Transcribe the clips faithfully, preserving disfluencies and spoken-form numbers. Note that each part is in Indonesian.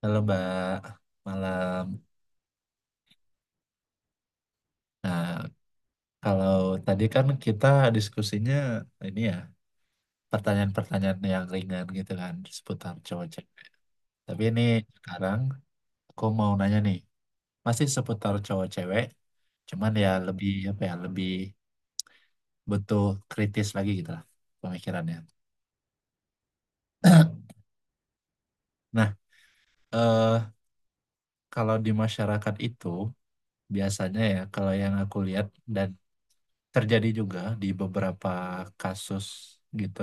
Halo Mbak, malam. Nah, kalau tadi kan kita diskusinya ini ya, pertanyaan-pertanyaan yang ringan gitu kan, seputar cowok-cewek. Tapi ini sekarang aku mau nanya nih, masih seputar cowok-cewek, cuman ya lebih apa ya, lebih butuh kritis lagi gitu lah pemikirannya. Nah, eh, kalau di masyarakat itu biasanya ya kalau yang aku lihat dan terjadi juga di beberapa kasus gitu,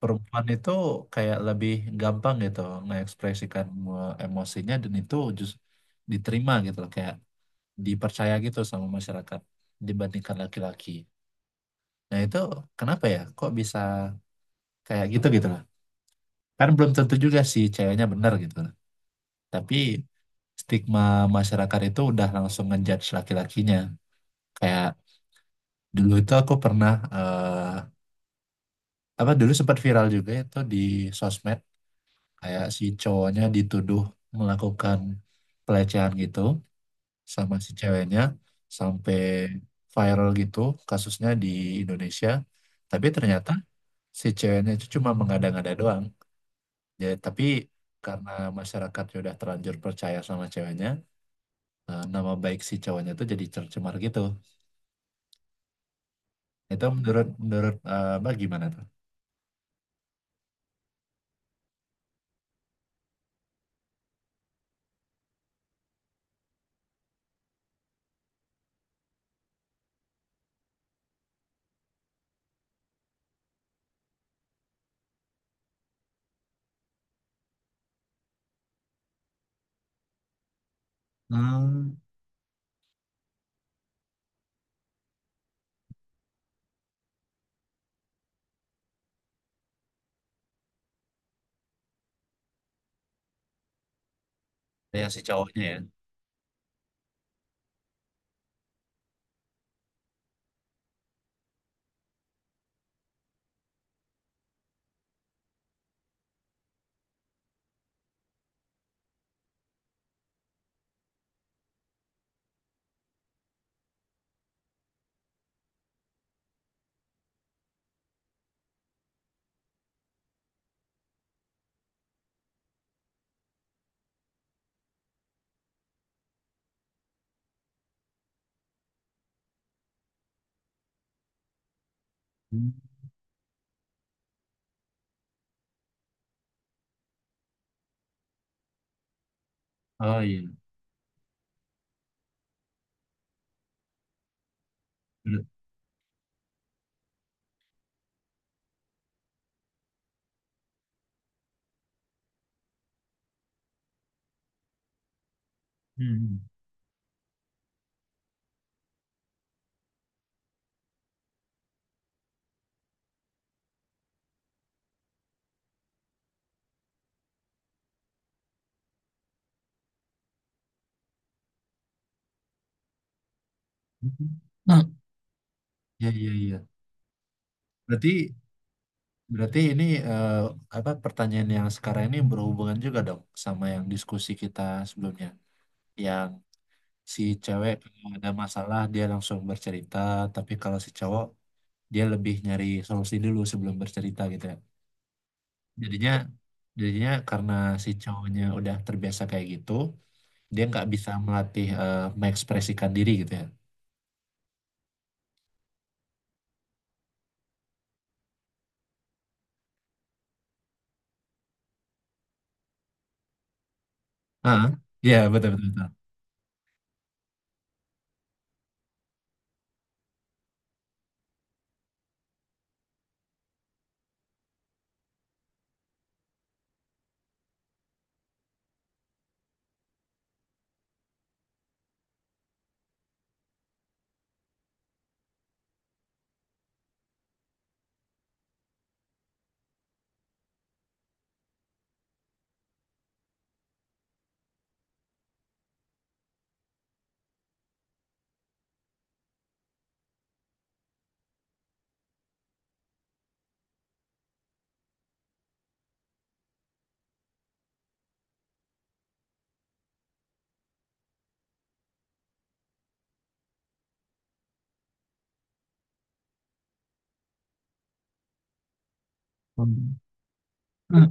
perempuan itu kayak lebih gampang gitu mengekspresikan, eh, emosinya, dan itu justru diterima gitu loh, kayak dipercaya gitu sama masyarakat dibandingkan laki-laki. Nah itu kenapa ya kok bisa kayak gitu gitu loh? Kan belum tentu juga sih ceweknya benar gitu loh. Tapi stigma masyarakat itu udah langsung ngejudge laki-lakinya. Kayak dulu itu aku pernah, eh, apa, dulu sempat viral juga itu di sosmed, kayak si cowoknya dituduh melakukan pelecehan gitu sama si ceweknya sampai viral gitu kasusnya di Indonesia, tapi ternyata si ceweknya itu cuma mengada-ngada doang. Jadi tapi karena masyarakat sudah terlanjur percaya sama ceweknya, eh, nama baik si cowoknya itu jadi tercemar gitu. Itu menurut menurut, eh, Mbak, gimana tuh? Hmm. Ya si cowoknya ya. Hmm. Oh iya. Menurut- Hmm. Nah, iya, iya, iya. Berarti Berarti ini, eh, apa, pertanyaan yang sekarang ini berhubungan juga dong sama yang diskusi kita sebelumnya. Yang si cewek kalau ada masalah dia langsung bercerita, tapi kalau si cowok dia lebih nyari solusi dulu sebelum bercerita gitu ya. Jadinya jadinya karena si cowoknya udah terbiasa kayak gitu, dia nggak bisa melatih, eh, mengekspresikan diri gitu ya. Ah, iya, betul, betul, betul. Hmm.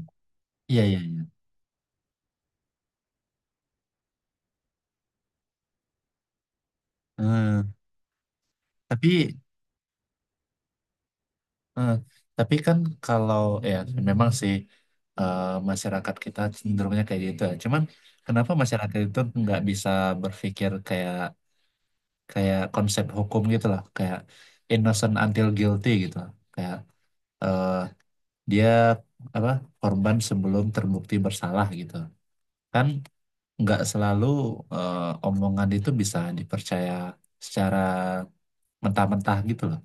Iya, iya, iya. Eh, tapi Eh, tapi kan kalau ya memang sih, eh, masyarakat kita cenderungnya kayak gitu ya. Cuman kenapa masyarakat itu nggak bisa berpikir kayak kayak konsep hukum gitu loh, kayak innocent until guilty gitu loh. Kayak, eh, dia apa korban sebelum terbukti bersalah gitu. Kan nggak selalu, eh, omongan itu bisa dipercaya secara mentah-mentah gitu loh.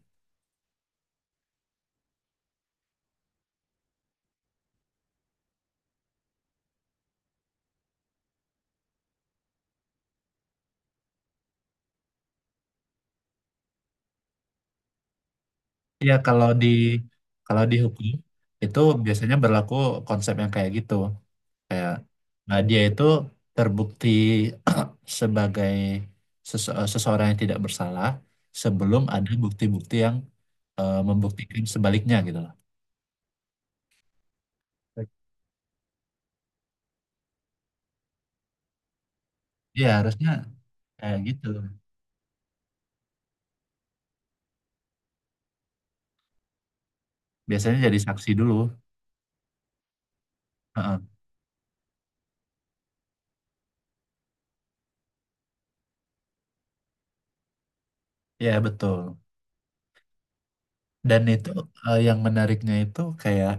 Iya, kalau di kalau di hukum itu biasanya berlaku konsep yang kayak gitu. Kayak nah dia itu terbukti sebagai sese- seseorang yang tidak bersalah sebelum ada bukti-bukti yang, eh, membuktikan sebaliknya gitu loh. Iya, harusnya kayak gitu. Biasanya jadi saksi dulu. Heeh. Iya, betul. Dan itu, eh, yang menariknya itu kayak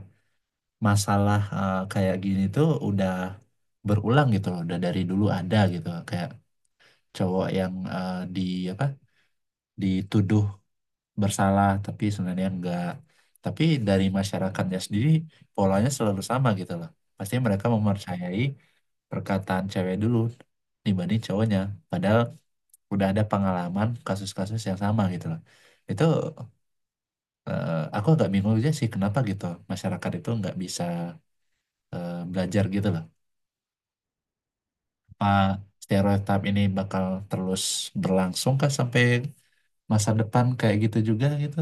masalah, eh, kayak gini tuh udah berulang gitu loh, udah dari dulu ada gitu kayak cowok yang, eh, di apa, dituduh bersalah tapi sebenarnya enggak. Tapi dari masyarakatnya sendiri polanya selalu sama gitu loh. Pasti mereka mempercayai perkataan cewek dulu dibanding cowoknya, padahal udah ada pengalaman kasus-kasus yang sama gitu loh. Itu, eh, aku agak bingung aja sih kenapa gitu masyarakat itu nggak bisa, eh, belajar gitu loh. Apa stereotip ini bakal terus berlangsung kah sampai masa depan kayak gitu juga gitu?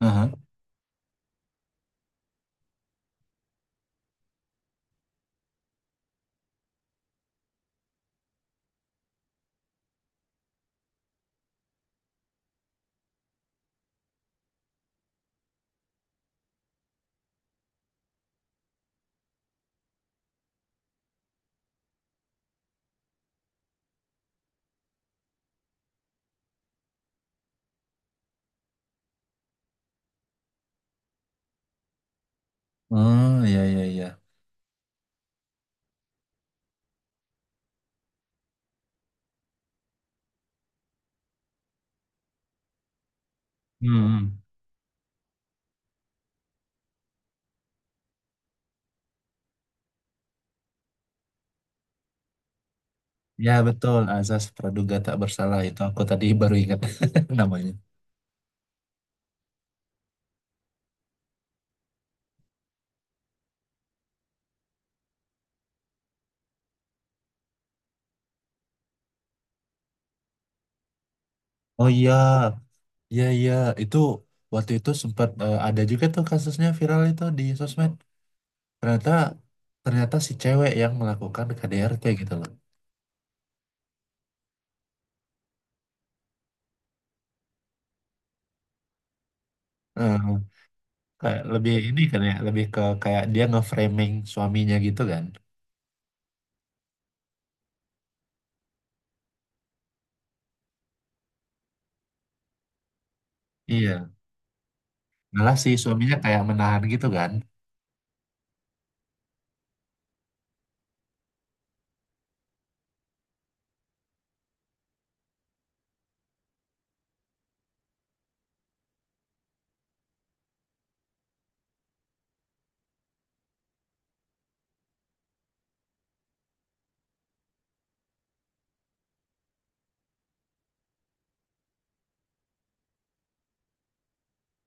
Aha. Oh iya, iya, iya. Hmm. Ya betul, azas praduga tak bersalah itu aku tadi baru ingat namanya. Oh iya, iya, iya, itu waktu itu sempat, eh, ada juga tuh kasusnya viral itu di sosmed. Ternyata ternyata si cewek yang melakukan K D R T gitu loh. Eh, Kayak lebih ini kan ya, lebih ke kayak dia nge-framing suaminya gitu kan. Iya. Malah si suaminya kayak menahan gitu kan.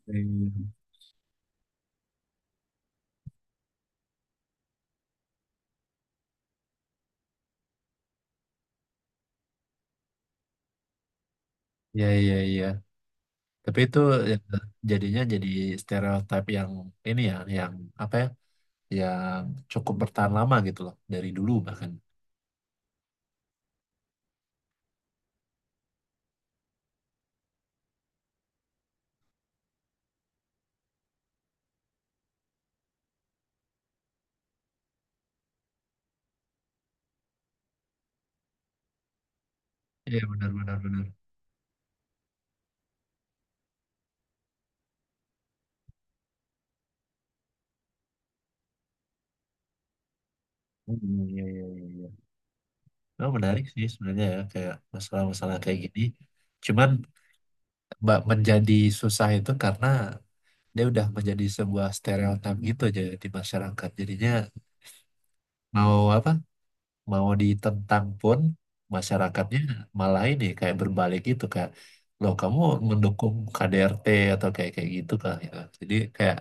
Hmm, iya, iya, iya. Tapi itu ya, jadinya jadi stereotip yang ini ya, yang apa ya, yang cukup bertahan lama gitu loh, dari dulu bahkan. Iya, benar, benar, benar. Hmm, iya, iya, iya, iya. Oh, menarik sih sebenarnya ya, kayak masalah-masalah kayak gini. Cuman Mbak, menjadi susah itu karena dia udah menjadi sebuah stereotip gitu aja di masyarakat. Jadinya mau apa? Mau ditentang pun masyarakatnya malah ini kayak berbalik gitu kayak loh, kamu mendukung K D R T atau kayak kayak gitu kan gitu. Jadi kayak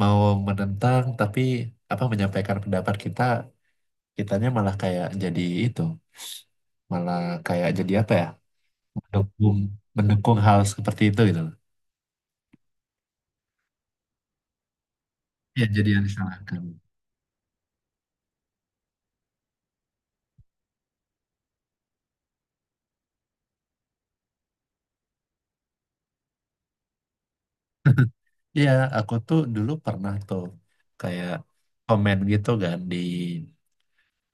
mau menentang, tapi apa, menyampaikan pendapat kita, kitanya malah kayak jadi itu, malah kayak jadi apa ya, mendukung mendukung hal seperti itu gitu loh. Ya jadi yang disalahkan. Iya, aku tuh dulu pernah tuh kayak komen gitu kan di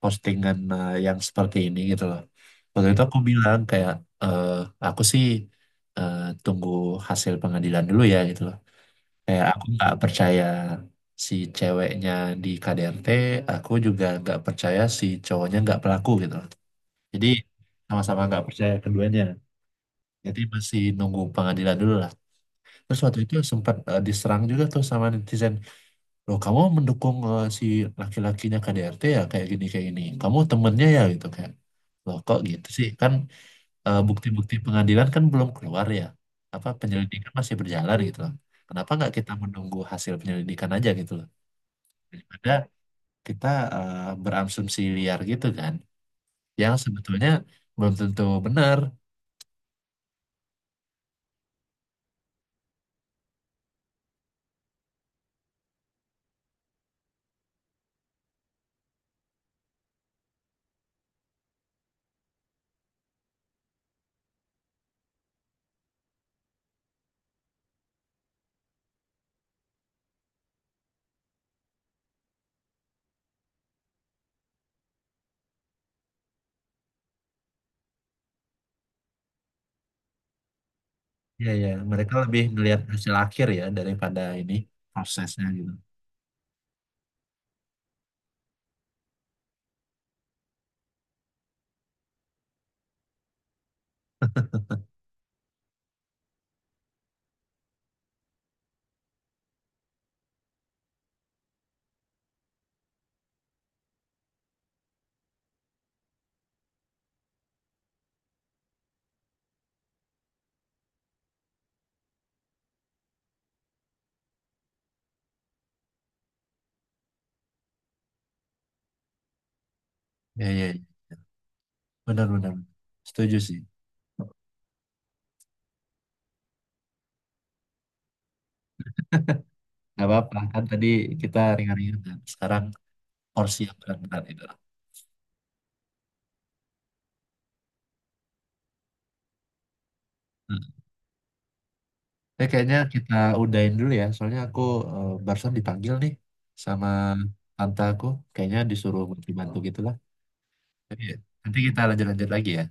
postingan, eh, yang seperti ini gitu loh. Waktu itu aku bilang kayak, eh, aku sih, eh, tunggu hasil pengadilan dulu ya gitu loh. Kayak aku nggak percaya si ceweknya di K D R T, aku juga nggak percaya si cowoknya nggak pelaku gitu loh. Jadi sama-sama nggak percaya keduanya. Jadi masih nunggu pengadilan dulu lah. Terus waktu itu sempat, eh, diserang juga tuh sama netizen, loh kamu mendukung, eh, si laki-lakinya K D R T ya, kayak gini kayak gini, kamu temennya ya gitu, kayak loh kok gitu sih, kan, eh, bukti-bukti pengadilan kan belum keluar ya, apa penyelidikan masih berjalan gitu loh, kenapa nggak kita menunggu hasil penyelidikan aja gitu loh, daripada kita, eh, berasumsi liar gitu kan, yang sebetulnya belum tentu benar. Ya, ya, mereka lebih melihat hasil akhir ya daripada ini prosesnya gitu. Ya, ya, benar-benar setuju sih. Nggak apa-apa, kan tadi kita ringan-ringan. Sekarang porsi yang berat-berat itu. Nah, eh, kayaknya kita udahin dulu ya, soalnya aku, eh, barusan dipanggil nih sama tante aku. Kayaknya disuruh bantu-bantu gitu lah. Jadi, nanti kita lanjut-lanjut lagi ya.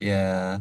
Ya.